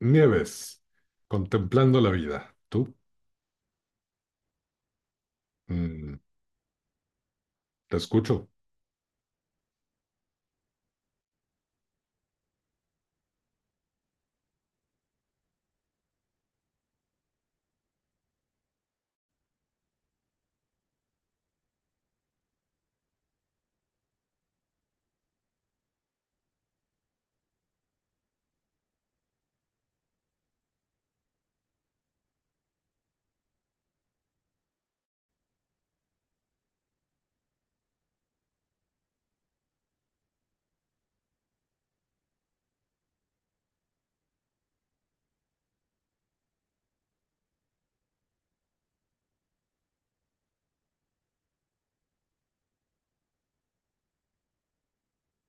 Nieves, contemplando la vida. Tú, mm, te escucho.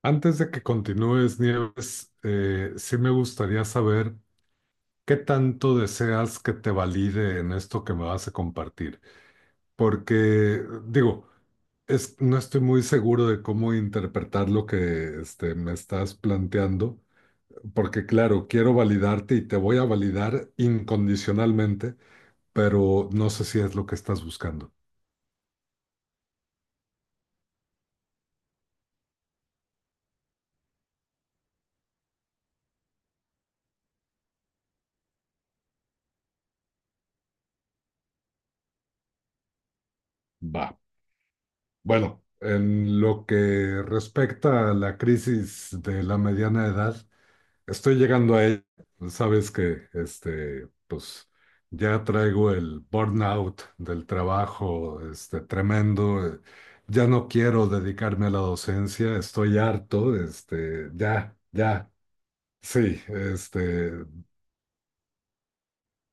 Antes de que continúes, Nieves, sí me gustaría saber qué tanto deseas que te valide en esto que me vas a compartir. Porque, digo, no estoy muy seguro de cómo interpretar lo que me estás planteando, porque claro, quiero validarte y te voy a validar incondicionalmente, pero no sé si es lo que estás buscando. Va. Bueno, en lo que respecta a la crisis de la mediana edad, estoy llegando a ella. Sabes que, ya traigo el burnout del trabajo, tremendo. Ya no quiero dedicarme a la docencia, estoy harto, ya, ya, sí,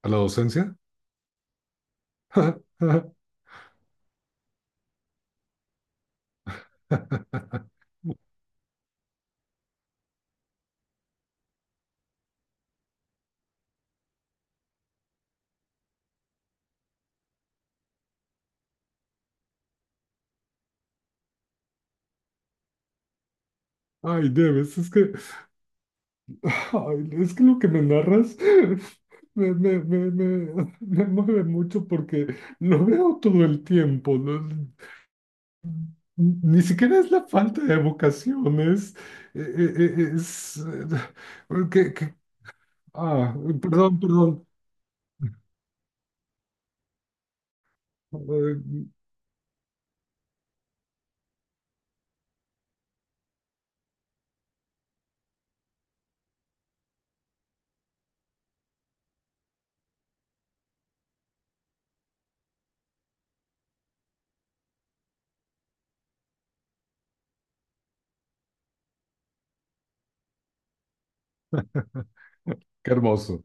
a la docencia. Ay, Debes, es que... Ay, es que lo que me narras me mueve mucho porque lo veo todo el tiempo, ¿no? Ni siquiera es la falta de vocación, es, e- e- e- es, que- ah, perdón, perdón. Ay, qué hermoso.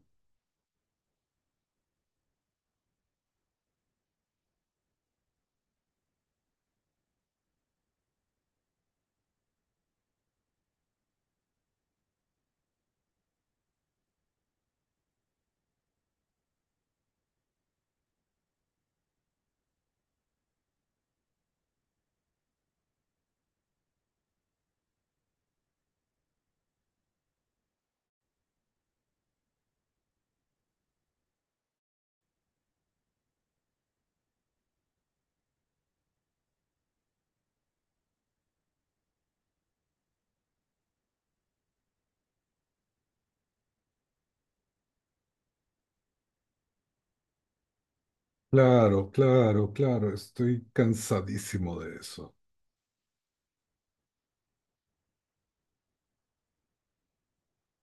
Claro, claro, claro, estoy cansadísimo de eso.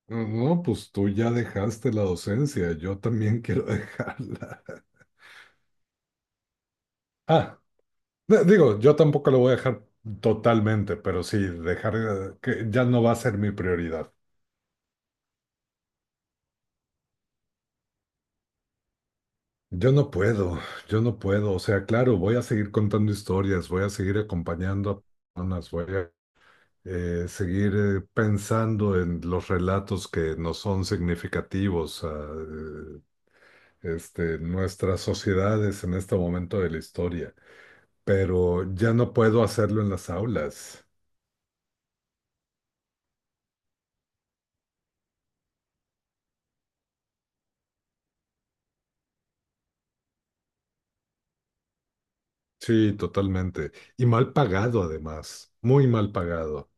No, no, pues tú ya dejaste la docencia, yo también quiero dejarla. Digo, yo tampoco lo voy a dejar totalmente, pero sí, dejar que ya no va a ser mi prioridad. Yo no puedo, yo no puedo. O sea, claro, voy a seguir contando historias, voy a seguir acompañando a personas, voy a seguir pensando en los relatos que nos son significativos a nuestras sociedades en este momento de la historia, pero ya no puedo hacerlo en las aulas. Sí, totalmente. Y mal pagado además, muy mal pagado,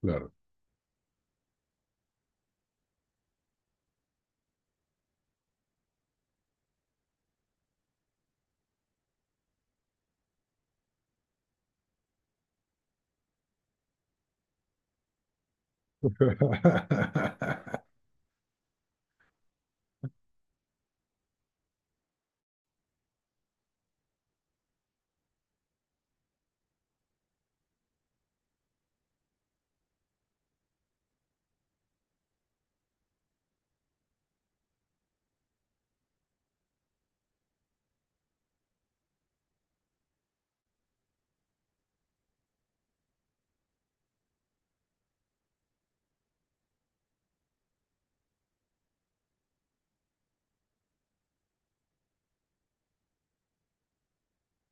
claro.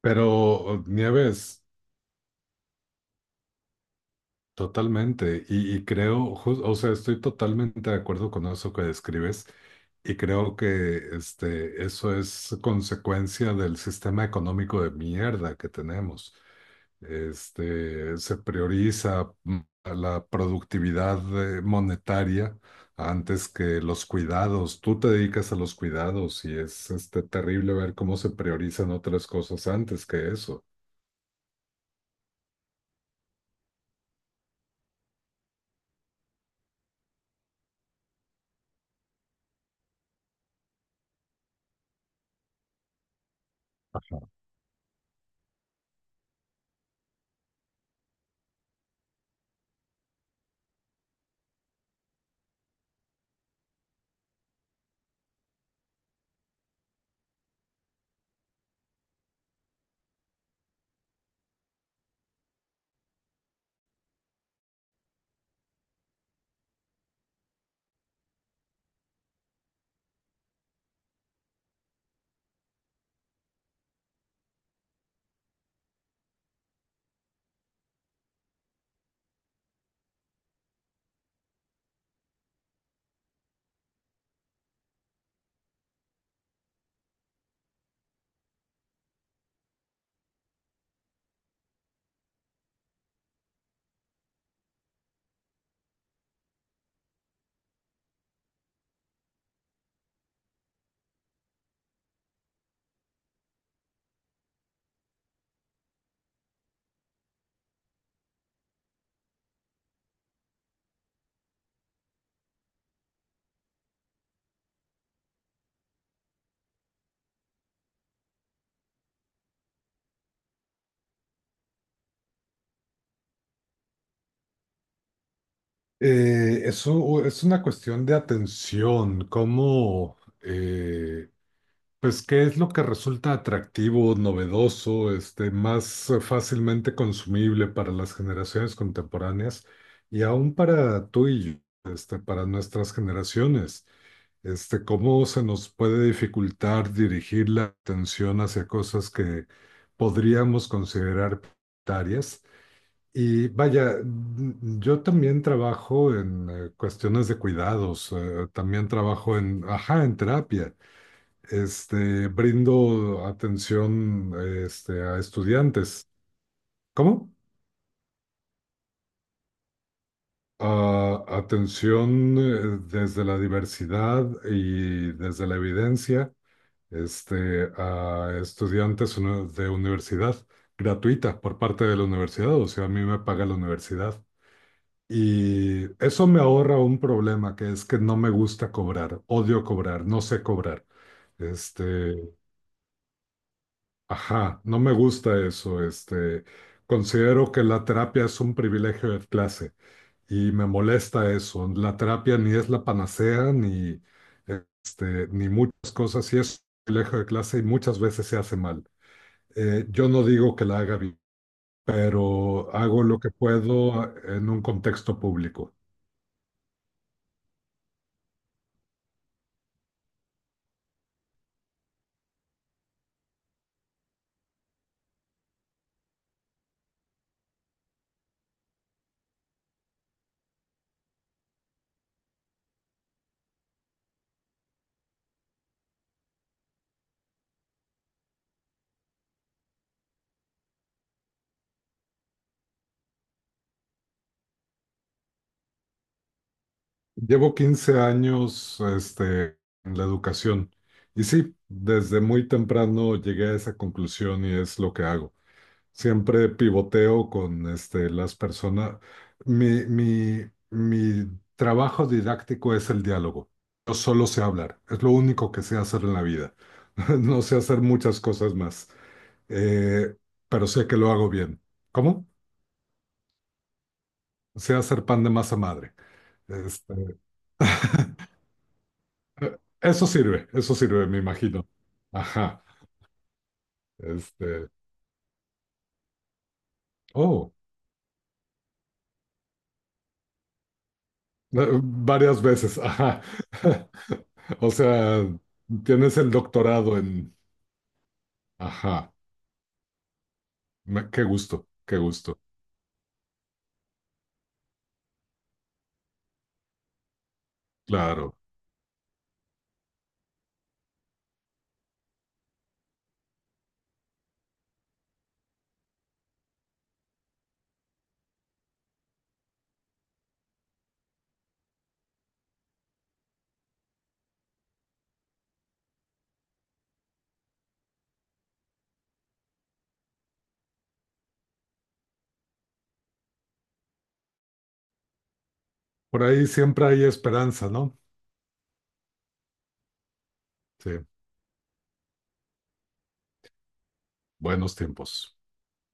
Pero Nieves, totalmente. Y creo, o sea, estoy totalmente de acuerdo con eso que describes. Y creo que eso es consecuencia del sistema económico de mierda que tenemos. Se prioriza a la productividad monetaria antes que los cuidados. Tú te dedicas a los cuidados y es terrible ver cómo se priorizan otras cosas antes que eso. Eso es una cuestión de atención, cómo pues, ¿qué es lo que resulta atractivo, novedoso, más fácilmente consumible para las generaciones contemporáneas y aún para tú y yo, para nuestras generaciones? ¿Cómo se nos puede dificultar dirigir la atención hacia cosas que podríamos considerar prioritarias? Y vaya, mm, yo también trabajo en cuestiones de cuidados, también trabajo en, ajá, en terapia. Brindo atención, a estudiantes. ¿Cómo? Atención, desde la diversidad y desde la evidencia, a estudiantes de universidad gratuita por parte de la universidad, o sea, a mí me paga la universidad. Y eso me ahorra un problema, que es que no me gusta cobrar, odio cobrar, no sé cobrar. Este... Ajá, no me gusta eso. Considero que la terapia es un privilegio de clase y me molesta eso. La terapia ni es la panacea ni ni muchas cosas y es un privilegio de clase y muchas veces se hace mal. Yo no digo que la haga bien, pero hago lo que puedo en un contexto público. Llevo 15 años en la educación y sí, desde muy temprano llegué a esa conclusión y es lo que hago. Siempre pivoteo con las personas. Mi trabajo didáctico es el diálogo. Yo solo sé hablar. Es lo único que sé hacer en la vida. No sé hacer muchas cosas más. Eh, pero sé que lo hago bien. ¿Cómo? Sé hacer pan de masa madre. Este, Eso sirve, eso sirve, me imagino. Ajá. Este, oh, varias veces. Ajá. O sea, tienes el doctorado en... Ajá, qué gusto, qué gusto. Claro, por ahí siempre hay esperanza, ¿no? Sí, buenos tiempos.